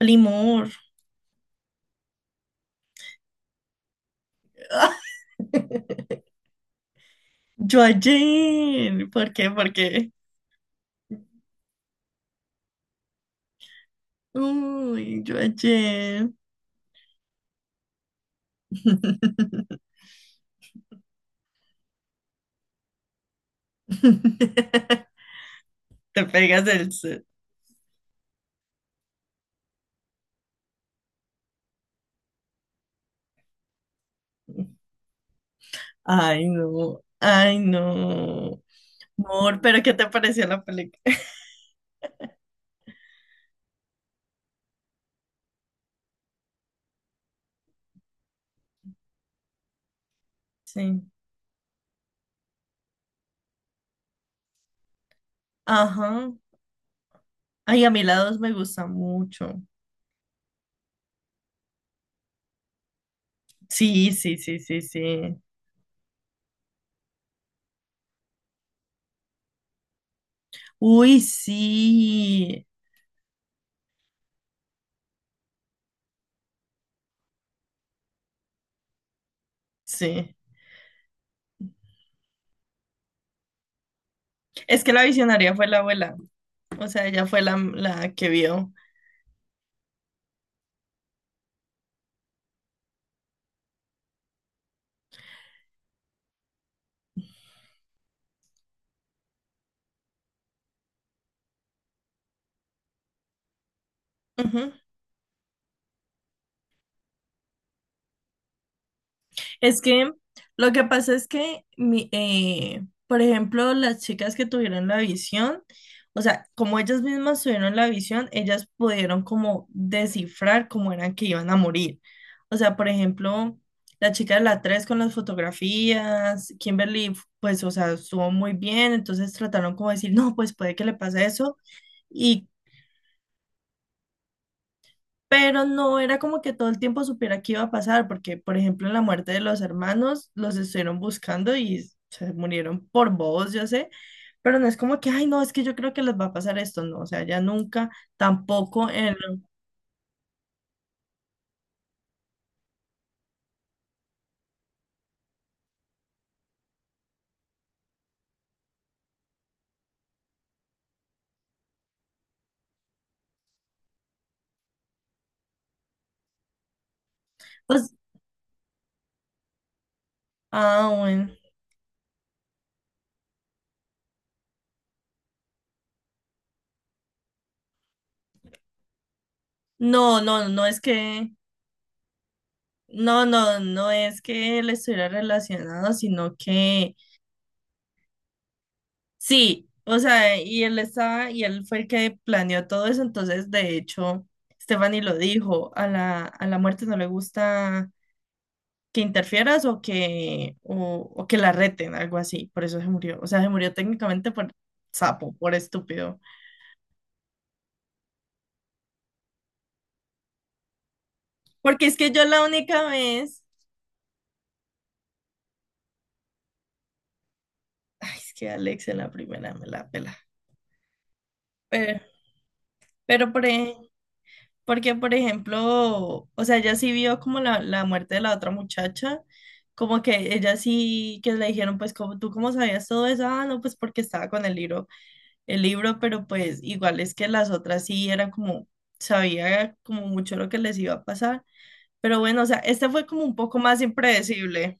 Limor. Yo ayer. ¿Por qué? ¿Por qué? Uy, yo ayer. Te pegas el... se- Ay, no. Ay, no. Amor, pero ¿qué te pareció la película? Sí. Ajá. Ay, a mí la dos me gusta mucho. Sí, sí, sí, sí, sí. Uy, sí. Sí. Es que la visionaria fue la abuela. O sea, ella fue la que vio. Ujú. Es que lo que pasa es que, por ejemplo, las chicas que tuvieron la visión, o sea, como ellas mismas tuvieron la visión, ellas pudieron como descifrar cómo eran que iban a morir. O sea, por ejemplo, la chica de la 3 con las fotografías, Kimberly, pues, o sea, estuvo muy bien, entonces trataron como de decir, no, pues puede que le pase eso. Y pero no era como que todo el tiempo supiera qué iba a pasar, porque, por ejemplo, en la muerte de los hermanos, los estuvieron buscando y se murieron por bobos, yo sé, pero no es como que, ay, no, es que yo creo que les va a pasar esto, no, o sea, ya nunca, tampoco en los... Ah, bueno. No es que, no es que él estuviera relacionado, sino que sí, o sea, y él estaba, y él fue el que planeó todo eso, entonces de hecho, Stephanie lo dijo, a la muerte no le gusta que interfieras o que la reten, algo así, por eso se murió, o sea, se murió técnicamente por sapo, por estúpido, porque es que yo la única vez, ay, es que Alex en la primera me la pela, pero, pero por, porque, por ejemplo, o sea, ella sí vio como la muerte de la otra muchacha, como que ella sí, que le dijeron, pues, como tú cómo sabías todo eso, ah, no, pues porque estaba con el libro, pero pues igual es que las otras sí eran como, sabía como mucho lo que les iba a pasar, pero bueno, o sea, este fue como un poco más impredecible.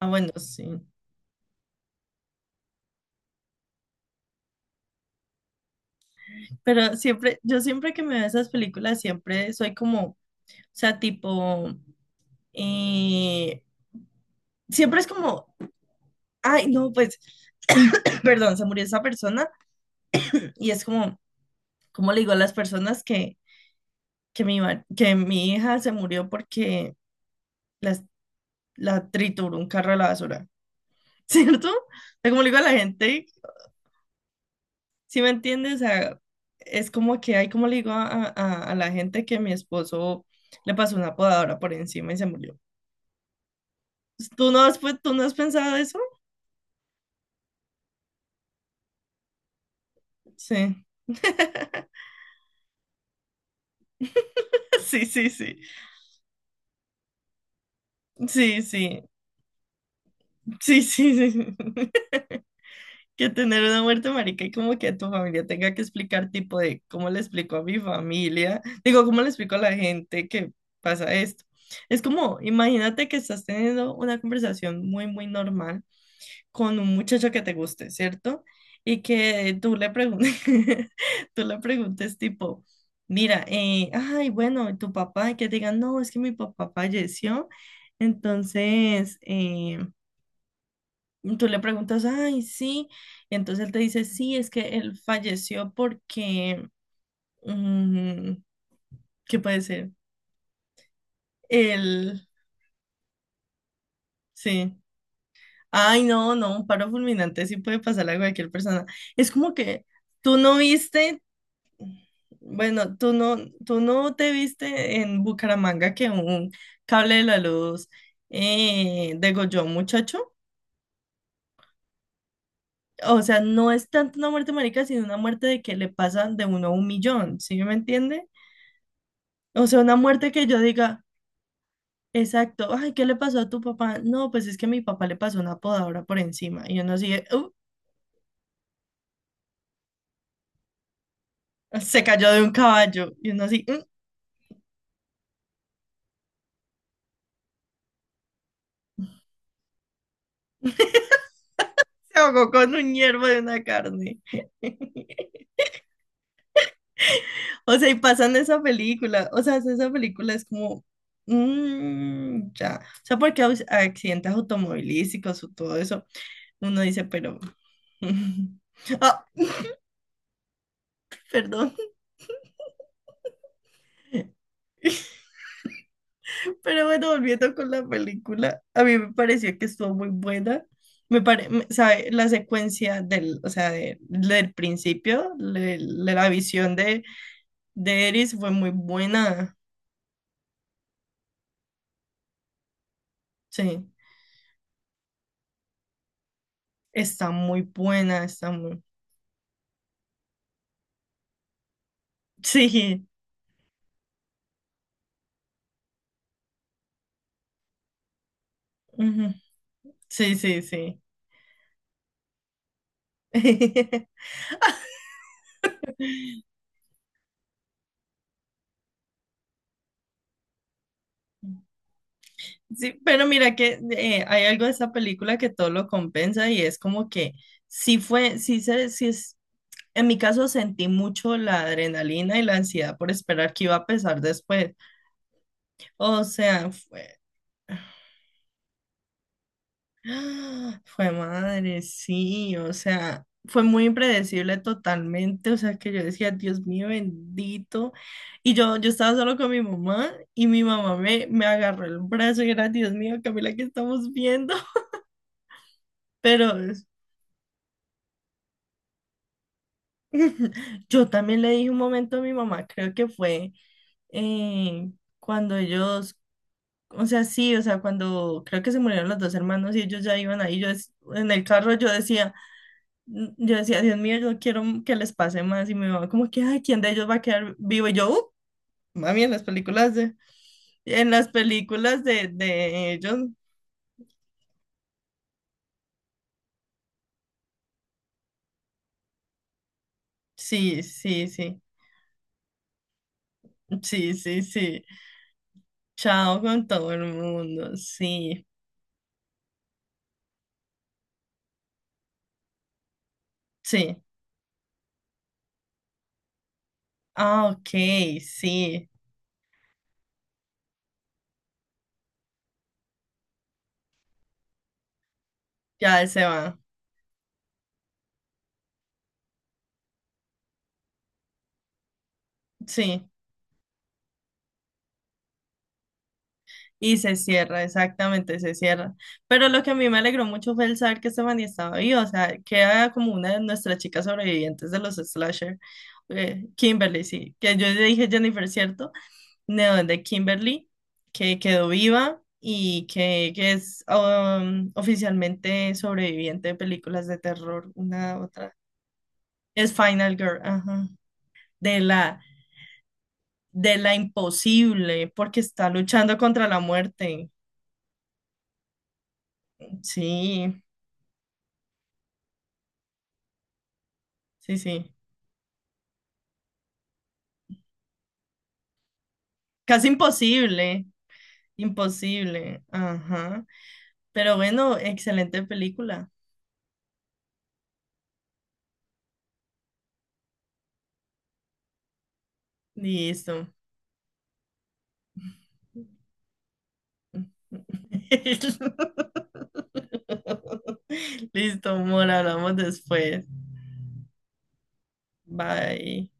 Ah, bueno, sí, pero siempre, yo siempre que me veo esas películas, siempre soy como, o sea, tipo, eh, siempre es como... Ay, no, pues perdón, se murió esa persona y es como, ¿cómo le digo a las personas que, que mi hija se murió porque las- la trituró un carro a la basura? ¿Cierto? O sea, ¿cómo le digo a la gente? ¿Sí me entiendes? O sea, es como que hay, como le digo a, a la gente que mi esposo le pasó una podadora por encima y se murió? ¿Tú no has, tú no has pensado eso? Sí, sí, sí, sí, sí, sí, sí, sí, sí. Que tener una muerte, marica, y como que tu familia tenga que explicar, tipo de cómo le explico a mi familia, digo, cómo le explico a la gente que pasa esto. Es como, imagínate que estás teniendo una conversación muy, muy normal con un muchacho que te guste, ¿cierto? Y que tú le preguntes, tú le preguntes tipo, mira, ay, bueno, ¿y tu papá? Y que te digan, no, es que mi papá falleció, entonces, y tú le preguntas, ay, sí. Y entonces él te dice, sí, es que él falleció porque, mm, ¿qué puede ser? Él, sí. Ay, no, no, un paro fulminante sí puede pasar a cualquier persona. Es como que tú no viste, bueno, tú no te viste en Bucaramanga que un cable de la luz degolló a un muchacho. O sea, no es tanto una muerte marica, sino una muerte de que le pasan de uno a un millón, ¿sí me entiende? O sea, una muerte que yo diga, exacto, ay, ¿qué le pasó a tu papá? No, pues es que a mi papá le pasó una podadora por encima. Y uno así, de, se cayó de un caballo. Y uno así, "Mm, se ahogó con un hierbo de una carne. O sea, y pasan esa película. O sea, esa película es como, "Mm, ya. O sea, porque accidentes automovilísticos o todo eso, uno dice, pero... Ah, perdón. Pero bueno, volviendo con la película, a mí me pareció que estuvo muy buena. Sabe, la secuencia del, o sea, del principio, la visión de Eris fue muy buena. Sí, está muy buena, está muy... Sí, ujú. Sí, sí, sí. Sí, pero mira que hay algo de esa película que todo lo compensa y es como que sí fue, sí se, sí. En mi caso sentí mucho la adrenalina y la ansiedad por esperar que iba a pesar después. O sea, fue... Fue madre, sí, o sea, fue muy impredecible totalmente, o sea, que yo decía, Dios mío bendito, y yo, estaba solo con mi mamá y mi mamá me agarró el brazo y era, Dios mío, Camila, ¿qué estamos viendo? Pero es- yo también le dije un momento a mi mamá, creo que fue eh, cuando ellos O sea, sí, o sea, cuando creo que se murieron los dos hermanos y ellos ya iban ahí, yo dec- en el carro yo decía, n- yo decía, Dios mío, yo quiero que les pase más y me mamá como que, ay, ¿quién de ellos va a quedar vivo? Y yo, mami, en las películas de, en las películas de ellos, sí, sí, sí, sí, sí, sí, chao con todo el mundo, sí, sí, ah, ok, sí, ya él se va, sí. Y se cierra, exactamente, se cierra. Pero lo que a mí me alegró mucho fue el saber que Stephanie estaba viva, o sea, que era como una de nuestras chicas sobrevivientes de los slasher, Kimberly, sí, que yo le dije Jennifer, ¿cierto? No, de Kimberly, que quedó viva y que es oficialmente sobreviviente de películas de terror, una otra. Es Final Girl, ajá, de la, de la imposible, porque está luchando contra la muerte, sí. Sí, sí. Casi imposible, imposible. Ajá. Pero bueno, excelente película. Listo. Listo, amor, hablamos después. Bye.